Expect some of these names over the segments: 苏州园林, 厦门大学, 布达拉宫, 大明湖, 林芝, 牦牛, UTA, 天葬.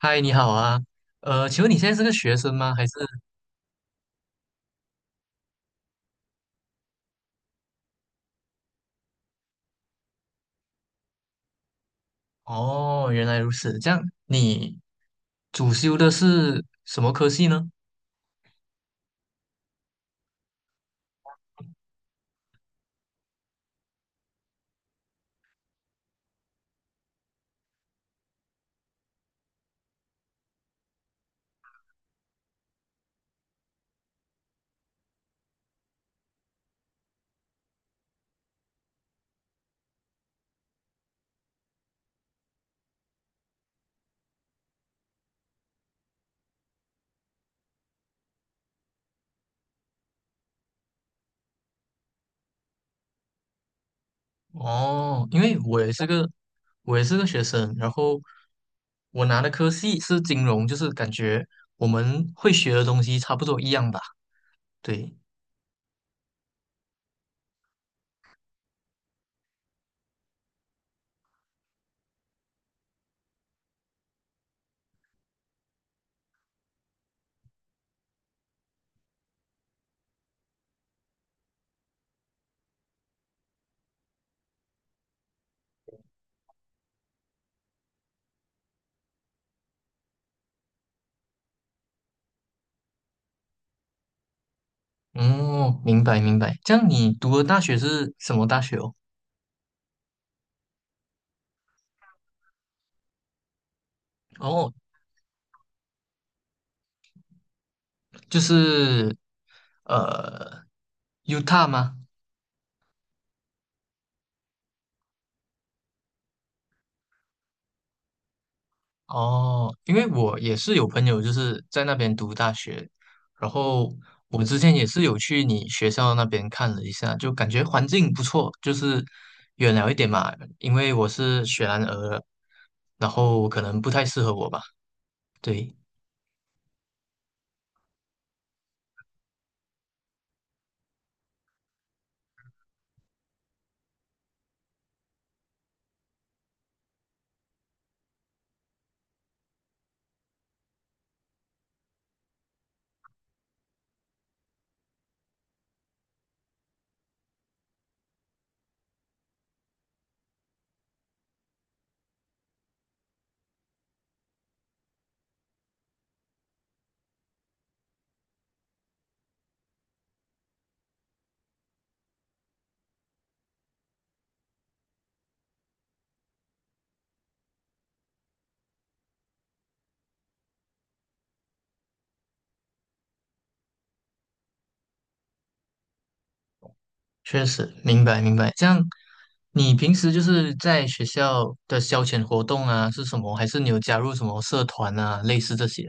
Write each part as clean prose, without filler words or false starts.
嗨，你好啊，请问你现在是个学生吗？还是？哦，原来如此，这样你主修的是什么科系呢？哦，因为我也是个学生，然后我拿的科系是金融，就是感觉我们会学的东西差不多一样吧？对，哦，明白明白。这样你读的大学是什么大学哦？哦，就是呃 UTA 吗？哦，因为我也是有朋友就是在那边读大学，然后我之前也是有去你学校那边看了一下，就感觉环境不错，就是远了一点嘛，因为我是雪兰莪的然后可能不太适合我吧。对，确实，明白明白。这样，你平时就是在学校的消遣活动啊，是什么？还是你有加入什么社团啊，类似这些？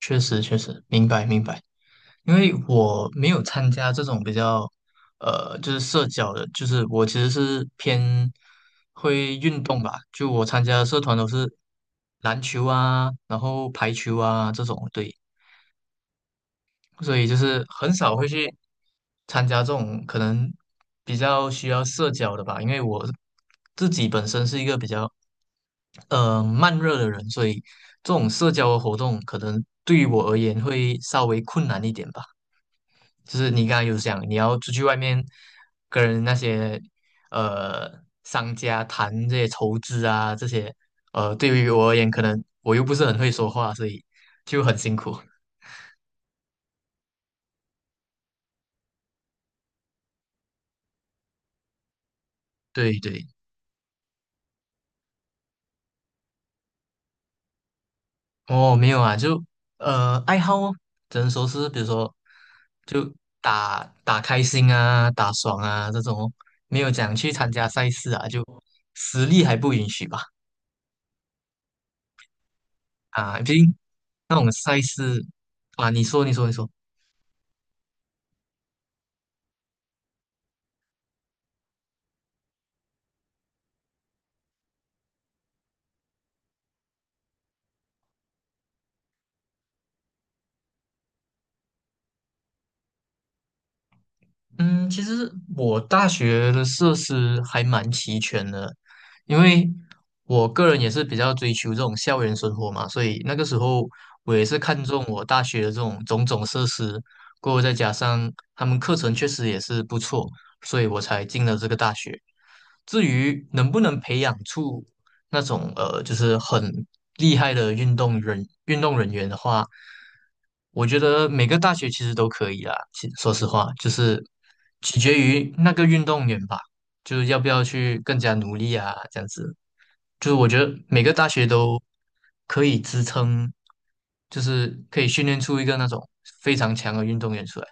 确实确实，明白明白。因为我没有参加这种比较，就是社交的，就是我其实是偏会运动吧，就我参加的社团都是篮球啊，然后排球啊这种，对，所以就是很少会去参加这种可能比较需要社交的吧，因为我自己本身是一个比较慢热的人，所以这种社交的活动可能对于我而言会稍微困难一点吧。就是你刚才有讲，你要出去外面跟那些呃商家谈这些筹资啊，这些对于我而言，可能我又不是很会说话，所以就很辛苦。对对，哦，没有啊，就爱好哦，只能说是比如说就打打开心啊，打爽啊这种哦没有讲去参加赛事啊，就实力还不允许吧？啊，毕竟那种赛事啊，你说你说你说，嗯，其实我大学的设施还蛮齐全的，因为我个人也是比较追求这种校园生活嘛，所以那个时候我也是看中我大学的这种种种设施，过后再加上他们课程确实也是不错，所以我才进了这个大学。至于能不能培养出那种就是很厉害的运动人员的话，我觉得每个大学其实都可以啦。其说实话，就是取决于那个运动员吧，就是要不要去更加努力啊，这样子。就是我觉得每个大学都可以支撑，就是可以训练出一个那种非常强的运动员出来。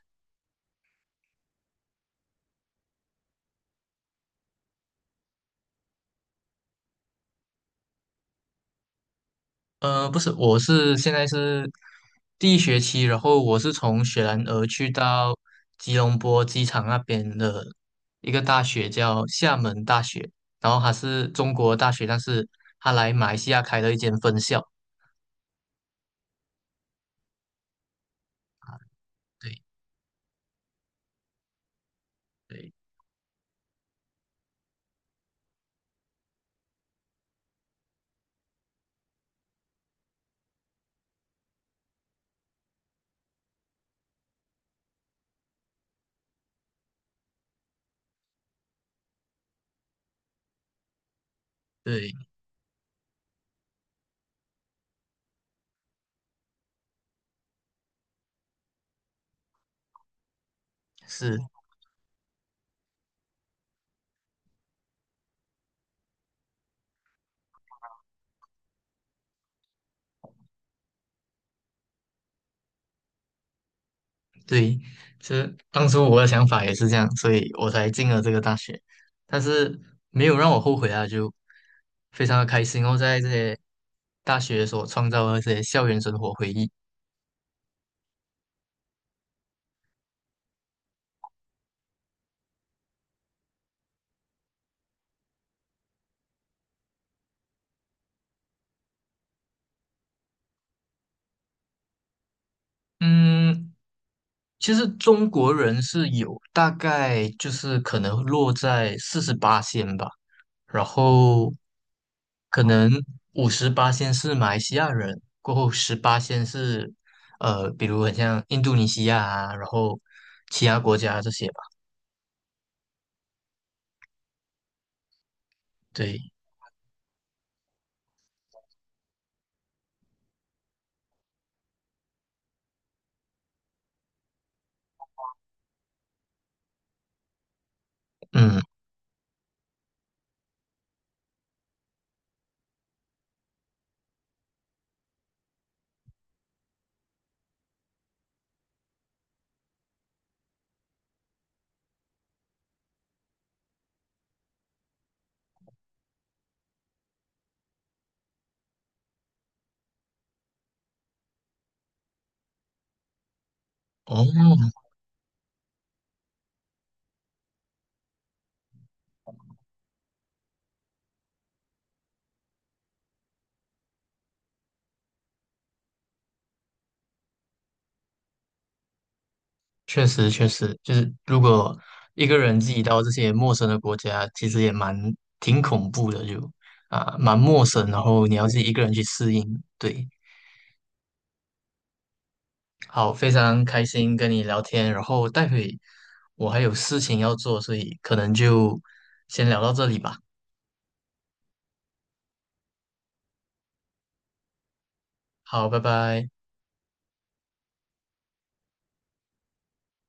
不是，我现在是第一学期，然后我是从雪兰莪去到吉隆坡机场那边的一个大学，叫厦门大学，然后它是中国大学，但是它来马来西亚开了一间分校。对对对，是，对，其实当初我的想法也是这样，所以我才进了这个大学，但是没有让我后悔啊，就非常的开心哦，在这些大学所创造的这些校园生活回忆。嗯，其实中国人是有大概就是可能落在48%吧，然后可能58%是马来西亚人，过后十八仙是比如很像印度尼西亚啊，然后其他国家这些吧。对，嗯，哦，确实，确实，就是如果一个人自己到这些陌生的国家，其实也蛮挺恐怖的，就啊蛮陌生，然后你要自己一个人去适应。对，好，非常开心跟你聊天，然后待会我还有事情要做，所以可能就先聊到这里吧。好，拜拜。